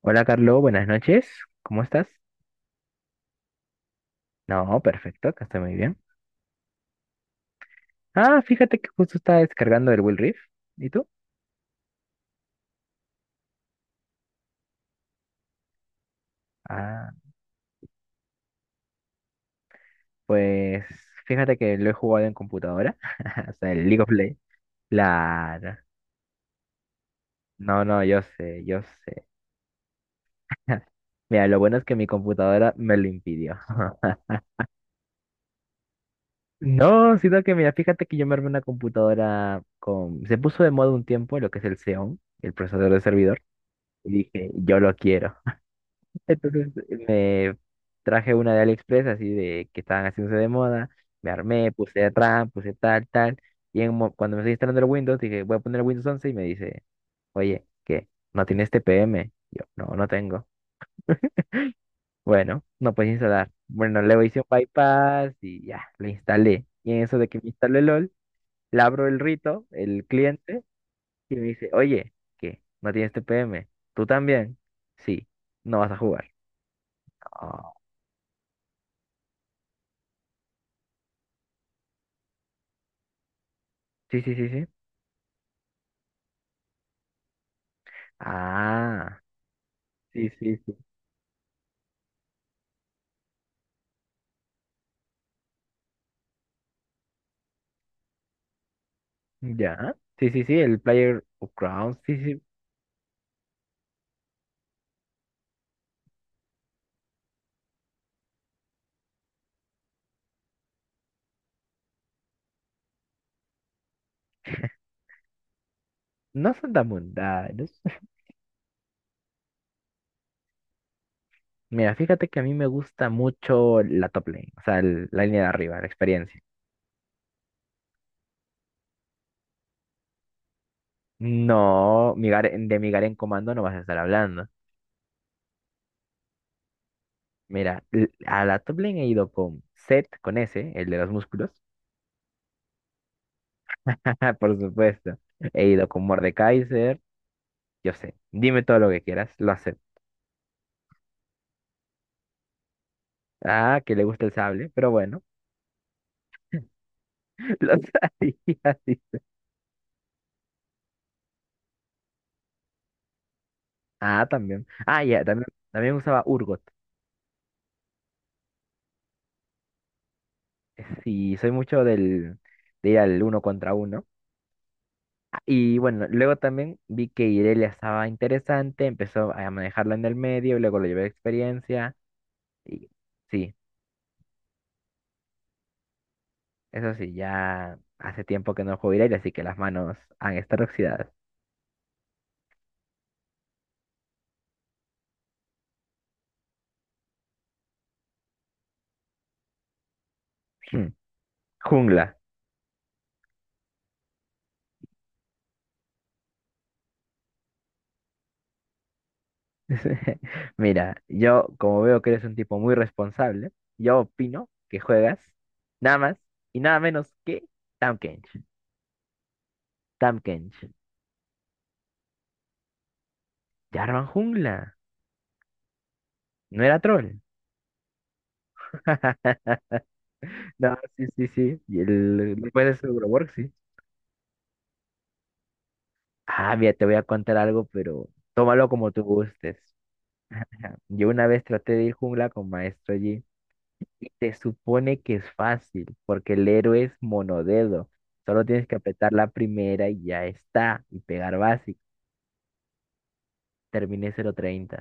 Hola Carlos, buenas noches. ¿Cómo estás? No, perfecto, acá estoy muy bien. Ah, fíjate que justo estaba descargando el Will Rift. ¿Y tú? Ah, pues fíjate que lo he jugado en computadora. O sea, el League of Legends. Claro. No, no, yo sé, yo sé. Mira, lo bueno es que mi computadora me lo impidió. No, sino que mira, fíjate que yo me armé una computadora con... Se puso de moda un tiempo lo que es el Xeon, el procesador de servidor. Y dije, yo lo quiero. Entonces me traje una de AliExpress, así de que estaban haciéndose de moda, me armé, puse atrás, puse tal, tal, y cuando me estoy instalando el Windows, dije, voy a poner el Windows 11 y me dice, oye, ¿qué? ¿No tienes TPM? Yo, no, no tengo. Bueno, no puedes instalar. Bueno, le hice un bypass y ya, le instalé. Y en eso de que me instaló el LOL, le abro el rito, el cliente, y me dice, oye, ¿qué? ¿No tienes TPM? ¿Tú también? Sí, no vas a jugar. Ah, sí, sí, sí, sí. Ah, sí, sí, sí. Ya. Sí, sí, sí, el Player of Crowns. Sí, sí. No son tan mundanos. Mira, fíjate que a mí me gusta mucho la top lane, o sea, la línea de arriba, la experiencia. No, mi de mi en Comando no vas a estar hablando. Mira, a la top lane he ido con Zed, con ese, el de los músculos. Por supuesto. He ido con Mordekaiser. Yo sé, dime todo lo que quieras, lo acepto. Ah, que le gusta el sable, pero bueno, lo sabía. Sí. Ah, también. Ah, ya, también, también usaba Urgot. Sí, soy mucho de ir al uno contra uno. Ah, y bueno, luego también vi que Irelia estaba interesante, empezó a manejarla en el medio, luego lo llevé de experiencia. Y sí, eso sí, ya hace tiempo que no juego Irelia, así que las manos han estado oxidadas. Hmm, jungla. Mira, yo como veo que eres un tipo muy responsable, yo opino que juegas nada más y nada menos que Tahm Kench. Tahm Kench. Ya arman jungla. No era troll. No, sí, sí, sí. Y el, después de su work, sí. Ah, mira, te voy a contar algo, pero tómalo como tú gustes. Yo una vez traté de ir jungla con Maestro Yi y te supone que es fácil, porque el héroe es monodedo. Solo tienes que apretar la primera y ya está, y pegar básico. Terminé cero treinta.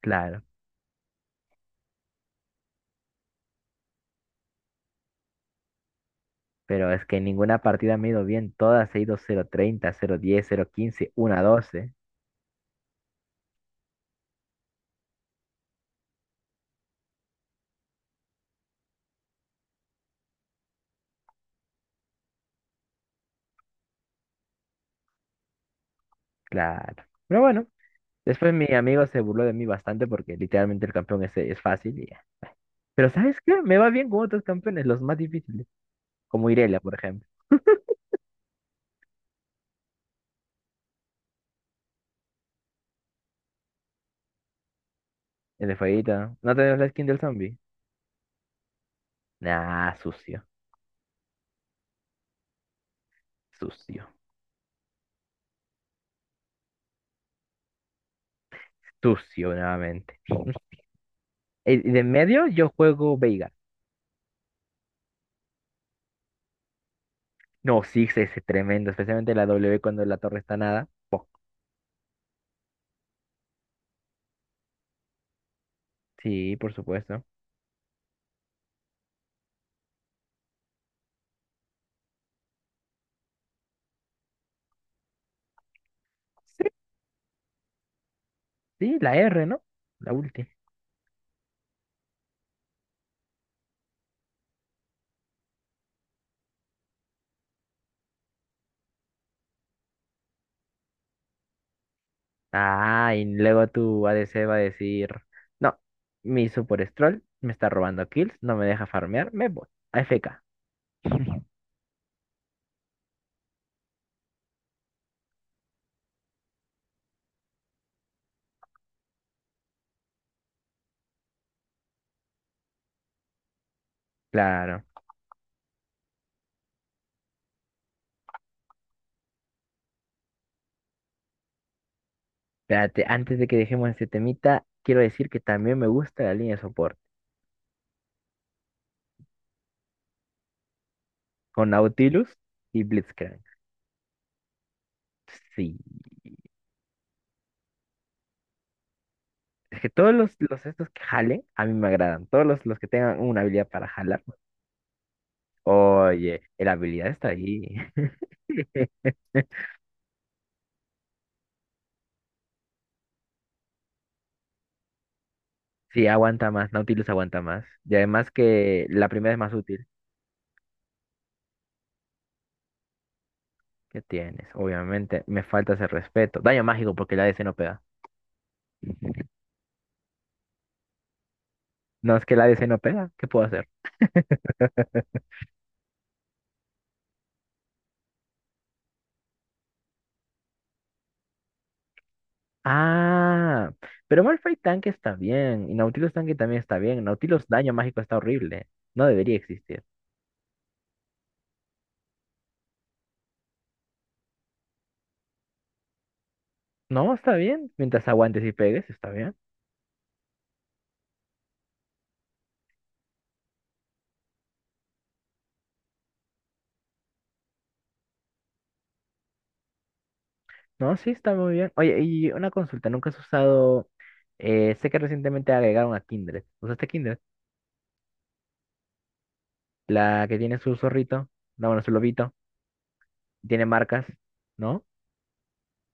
Claro. Pero es que en ninguna partida me ha ido bien, todas he ido 0-30, 0-10, 0-15, doce. Claro. Pero bueno, después mi amigo se burló de mí bastante porque literalmente el campeón es fácil y ya. Pero ¿sabes qué? Me va bien con otros campeones, los más difíciles. Como Irelia, por ejemplo. El de Fueguita. ¿No tenemos la skin del zombie? Nah, sucio. Sucio. Sucio nuevamente. Y de medio yo juego Veigar. No, sí, es tremendo. Especialmente la W cuando la torre está nada. Poc. Sí, por supuesto. Sí, sí, la R, ¿no? La ulti. Ah, y luego tu ADC va a decir, no, mi Super Stroll me está robando kills, no me deja farmear, me voy a AFK. Claro. Espérate, antes de que dejemos este temita, quiero decir que también me gusta la línea de soporte, con Nautilus y Blitzcrank. Sí. Es que todos los estos que jalen, a mí me agradan. Todos los que tengan una habilidad para jalar. Oye, la habilidad está ahí. Sí, aguanta más, Nautilus aguanta más. Y además que la primera es más útil. ¿Qué tienes? Obviamente, me falta ese respeto. Daño mágico porque la ADC no pega. No, es que la ADC no pega. ¿Qué puedo hacer? Ah, pero Malphite tanque está bien. Y Nautilus tanque también está bien. Nautilus daño mágico está horrible. No debería existir. No, está bien. Mientras aguantes y pegues, está bien. No, sí, está muy bien. Oye, y una consulta. ¿Nunca has usado... sé que recientemente agregaron a Kindred. ¿Usaste Kindred? La que tiene su zorrito. No, bueno, su lobito. Tiene marcas, ¿no?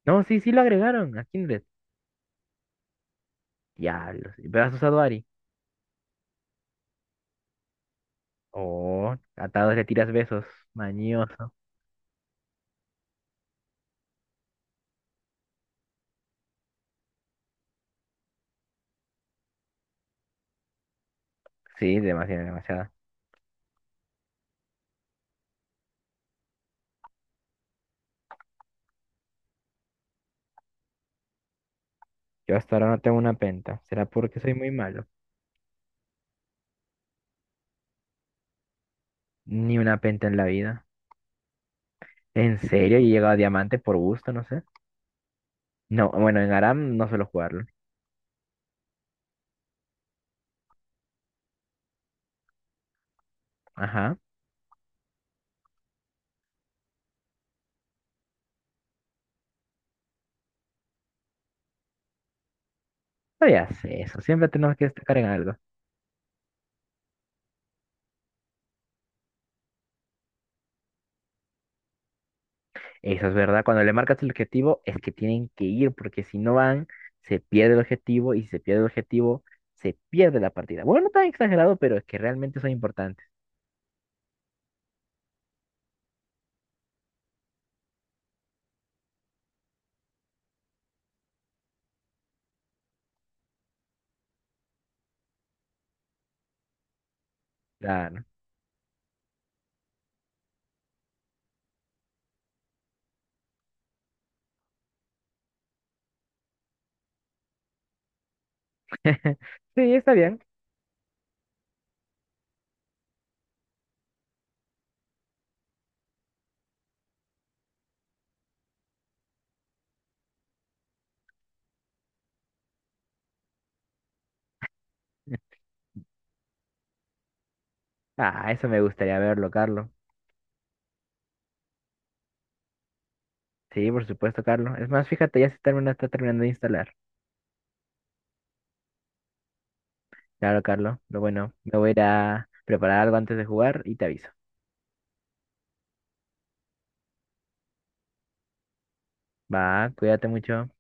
No, sí, sí lo agregaron a Kindred. Diablos. Pero has usado Ari. Oh, atados le tiras besos. Mañoso. Sí, demasiado, demasiado. Yo hasta ahora no tengo una penta. ¿Será porque soy muy malo? Ni una penta en la vida. ¿En serio? Y he llegado a diamante por gusto, no sé. No, bueno, en Aram no suelo jugarlo. Ajá. No ya sé eso. Siempre tenemos que destacar en algo. Eso es verdad. Cuando le marcas el objetivo, es que tienen que ir, porque si no van, se pierde el objetivo, y si se pierde el objetivo, se pierde la partida. Bueno, no tan exagerado, pero es que realmente son importantes. Claro. Sí, está bien. Ah, eso me gustaría verlo, Carlos. Sí, por supuesto, Carlos. Es más, fíjate, ya se termina, está terminando de instalar. Claro, Carlos. Pero bueno, me voy a ir a preparar algo antes de jugar y te aviso. Va, cuídate mucho.